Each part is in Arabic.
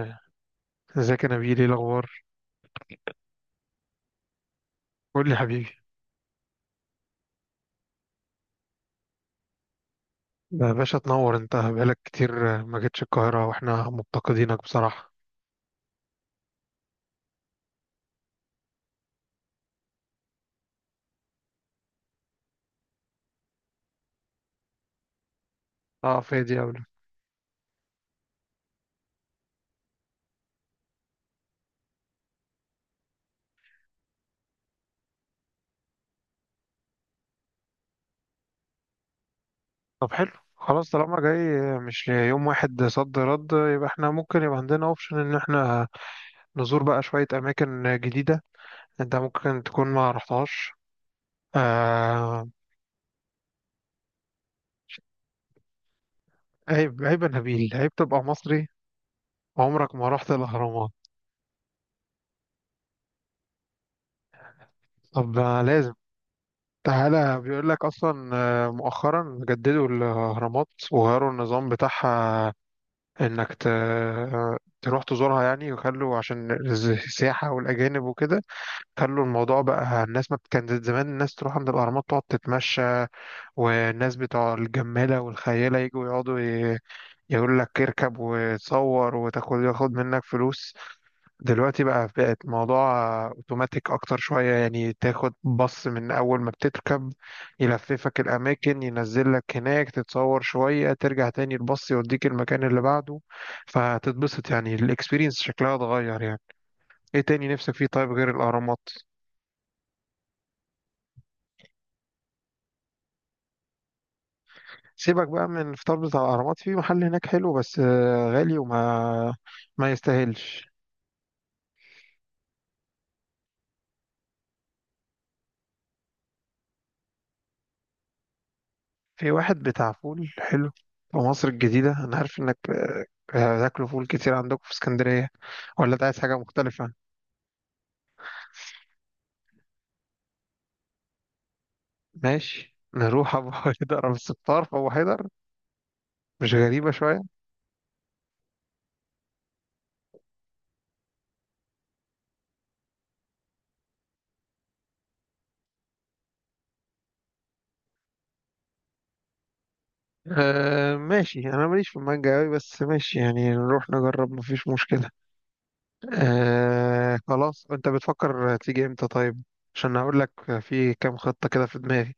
آه، ازيك يا نبيل؟ ايه الاخبار؟ قول لي حبيبي. يا باشا تنور. انت بقالك كتير ما جيتش القاهره واحنا مفتقدينك بصراحه. اه فادي اوي. طب حلو. خلاص طالما جاي مش يوم واحد صد رد يبقى احنا ممكن يبقى عندنا اوبشن ان احنا نزور بقى شويه اماكن جديده. انت ممكن تكون ما رحتهاش. آه. عيب عيب يا نبيل، عيب تبقى مصري عمرك ما رحت الاهرامات. طب لازم تعالى. بيقول لك اصلا مؤخرا جددوا الاهرامات وغيروا النظام بتاعها. انك ت... آه، تروح تزورها يعني، وخلوا عشان السياحة والأجانب وكده. خلوا الموضوع بقى، الناس ما بت- كانت زمان الناس تروح عند الأهرامات تقعد تتمشى. والناس بتوع الجمالة والخيالة يجوا يقعدوا يقول لك اركب وتصور ياخد منك فلوس. دلوقتي بقى بقت الموضوع اوتوماتيك اكتر شوية. يعني تاخد بص من اول ما بتركب يلففك الاماكن، ينزل لك هناك تتصور شوية ترجع تاني البص يوديك المكان اللي بعده. فهتتبسط يعني، الاكسبيرينس شكلها اتغير يعني. ايه تاني نفسك فيه طيب غير الاهرامات؟ سيبك بقى من الفطار بتاع الاهرامات. في محل هناك حلو بس غالي وما ما يستاهلش. في واحد بتاع فول حلو في مصر الجديدة. أنا عارف إنك بتاكلوا فول كتير عندكم في اسكندرية. ولا أنت عايز حاجة مختلفة؟ ماشي، نروح أبو حيدر. أو الستار في أبو حيدر؟ مش غريبة شوية؟ أه ماشي. أنا ماليش في المانجا أوي، بس ماشي يعني نروح نجرب مفيش مشكلة. أه خلاص. أنت بتفكر تيجي إمتى طيب؟ عشان هقول لك. في كام خطة كده في دماغي.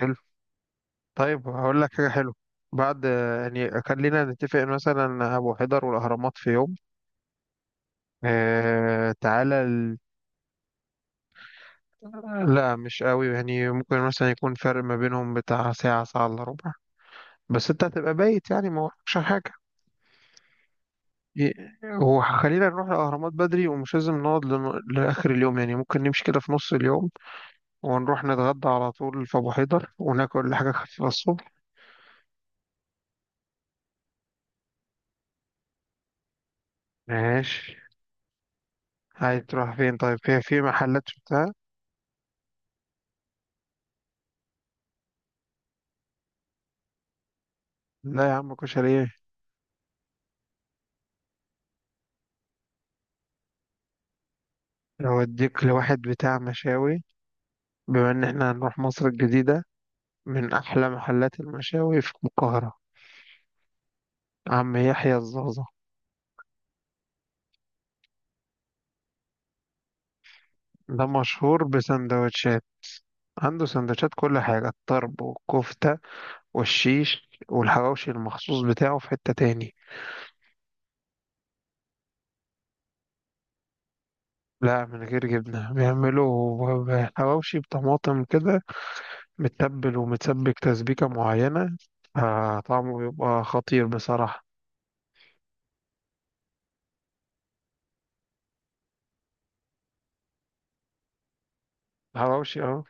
حلو. طيب هقول لك حاجة حلوة. بعد يعني خلينا نتفق مثلا أبو حيدر والأهرامات في يوم. آه تعالى ال... لا، مش قوي، يعني ممكن مثلا يكون فرق ما بينهم بتاع ساعة ساعة إلا ربع. بس أنت هتبقى بايت يعني ما وراكش حاجة. ي- هو خلينا نروح الأهرامات بدري، ومش لازم نقعد لن... لآخر اليوم. يعني ممكن نمشي كده في نص اليوم، ونروح نتغدى على طول في أبو حيدر، وناكل حاجة خفيفة الصبح. ماشي. عايز تروح فين طيب؟ في محلات بتاع. لا يا عم، كشري إيه. أوديك لواحد بتاع مشاوي، بما إن إحنا هنروح مصر الجديدة، من أحلى محلات المشاوي في القاهرة، عم يحيى الزازة. ده مشهور بسندوتشات. عنده سندوتشات كل حاجة، الطرب والكفتة والشيش. والحواوشي المخصوص بتاعه في حتة تاني. لا من غير جبنة، بيعملوا حواوشي بطماطم كده متبل ومتسبك تسبيكة معينة. آه، طعمه بيبقى خطير بصراحة. الحواوشي اه.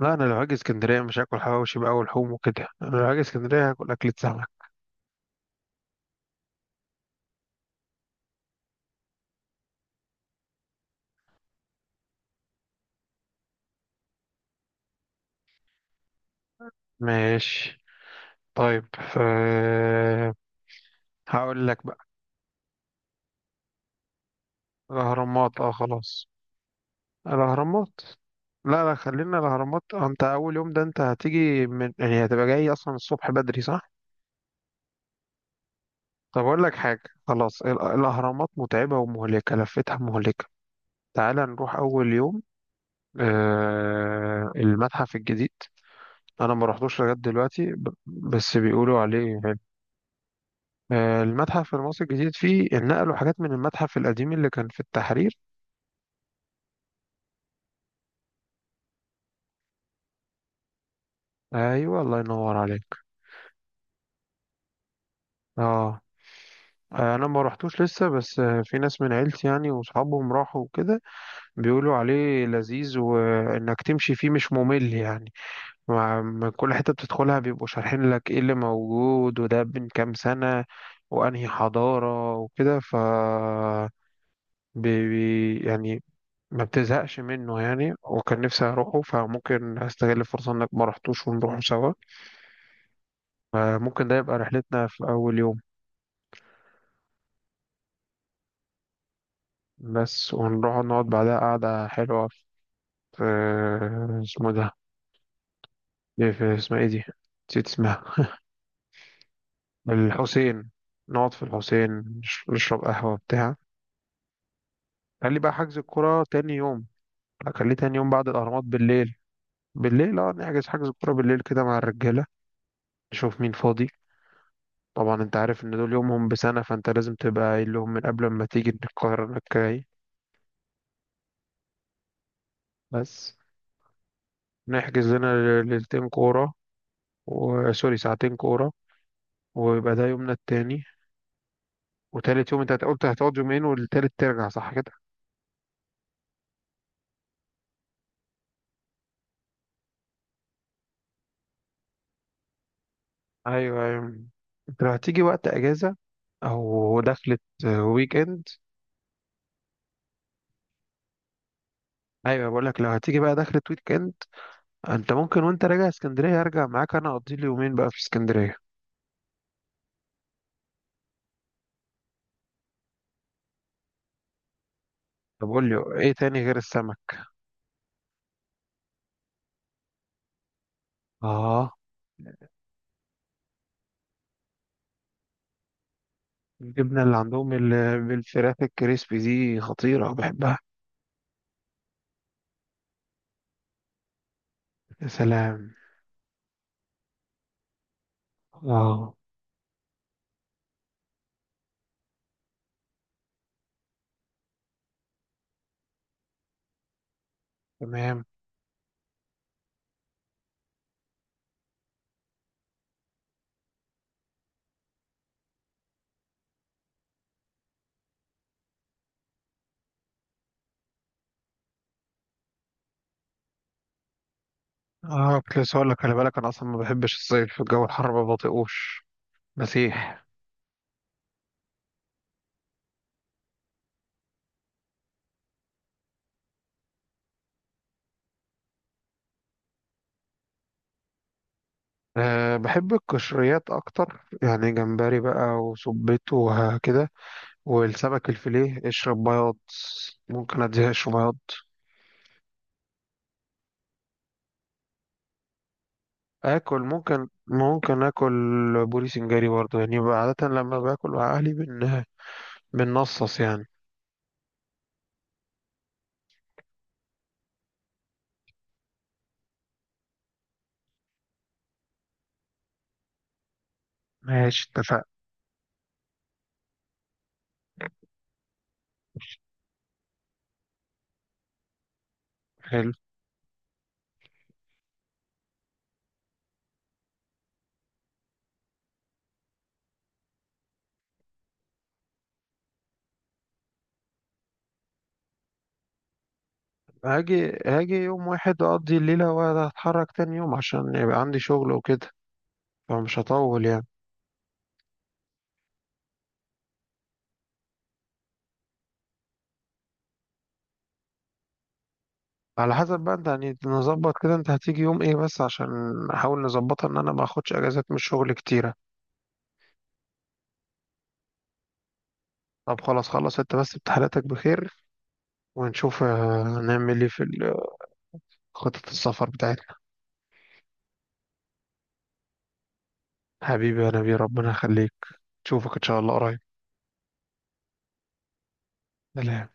لا أنا لو هاجي اسكندرية مش هاكل حواوشي بقى ولحوم وكده. أنا لو هاجي اسكندرية هاكل أكلة سمك. ماشي. طيب هقول لك بقى. الأهرامات اه، خلاص الأهرامات. لا لا، خلينا الأهرامات. انت أول يوم ده انت هتيجي من، يعني هتبقى جاي أصلا الصبح بدري صح؟ طب أقول لك حاجة. خلاص الأهرامات متعبة ومهلكة، لفتها مهلكة. تعال نروح أول يوم المتحف الجديد. أنا ما رحتوش لغاية دلوقتي بس بيقولوا عليه حلو. المتحف المصري الجديد، فيه نقلوا حاجات من المتحف القديم اللي كان في التحرير. ايوه، الله ينور عليك. اه انا ما رحتوش لسه، بس في ناس من عيلتي يعني واصحابهم راحوا وكده. بيقولوا عليه لذيذ، وانك تمشي فيه مش ممل يعني. مع كل حتة بتدخلها بيبقوا شارحين لك ايه اللي موجود، وده من كام سنة وانهي حضارة وكده. ف يعني ما بتزهقش منه يعني. وكان نفسي اروحه، فممكن استغل الفرصة انك ما رحتوش ونروحه سوا. ممكن ده يبقى رحلتنا في اول يوم. بس ونروح نقعد بعدها قعدة حلوة في، اسمه ده إيه؟ في اسمها ايه دي؟ نسيت اسمها. الحسين، نقعد في الحسين. نشرب قهوة بتاع. قال لي بقى حجز الكرة تاني يوم. قال لي تاني يوم بعد الأهرامات بالليل. بالليل اه، نحجز حجز الكرة بالليل كده مع الرجالة. نشوف مين فاضي. طبعا انت عارف ان دول يومهم بسنة، فانت لازم تبقى قايل لهم من قبل ما تيجي ان القاهرة انك جاي. بس نحجز لنا ليلتين كورة سوري ساعتين كورة، ويبقى ده يومنا التاني. وتالت يوم انت قلت هتقعد يومين، والتالت ترجع صح كده؟ ايوه ايوه. انت لو هتيجي وقت اجازه، او دخلت ويك اند. ايوه بقول لك، لو هتيجي بقى دخلت ويك اند، انت ممكن وانت راجع اسكندريه ارجع معاك، انا اقضي لي يومين بقى في اسكندريه. طب قول لي ايه تاني غير السمك. اه، الجبنه اللي عندهم بالفراخ الكريسبي دي خطيره بحبها. يا سلام. اه تمام. اه كنت لسه هقول لك خلي بالك، انا اصلا ما بحبش الصيف، الجو الحر ما بطيقوش. مسيح. أه بحب القشريات أكتر، يعني جمبري بقى وسبيط وكده. والسمك الفيليه اشرب بياض. ممكن أديهاش في بياض. آكل، ممكن آكل بوري سنجاري برضه، يعني بقى عادة لما باكل مع أهلي بنصص يعني. ماشي اتفقنا. حلو. هاجي يوم واحد، أقضي الليلة وأتحرك تاني يوم عشان يبقى عندي شغل وكده، فمش هطول يعني. على حسب بقى انت يعني. نظبط كده انت هتيجي يوم ايه، بس عشان نحاول نظبطها ان انا ما اخدش اجازات من الشغل كتيرة. طب خلاص، خلص انت بس امتحاناتك بخير، ونشوف هنعمل ايه في خطة السفر بتاعتنا. حبيبي يا نبي، ربنا يخليك. نشوفك ان شاء الله قريب. سلام.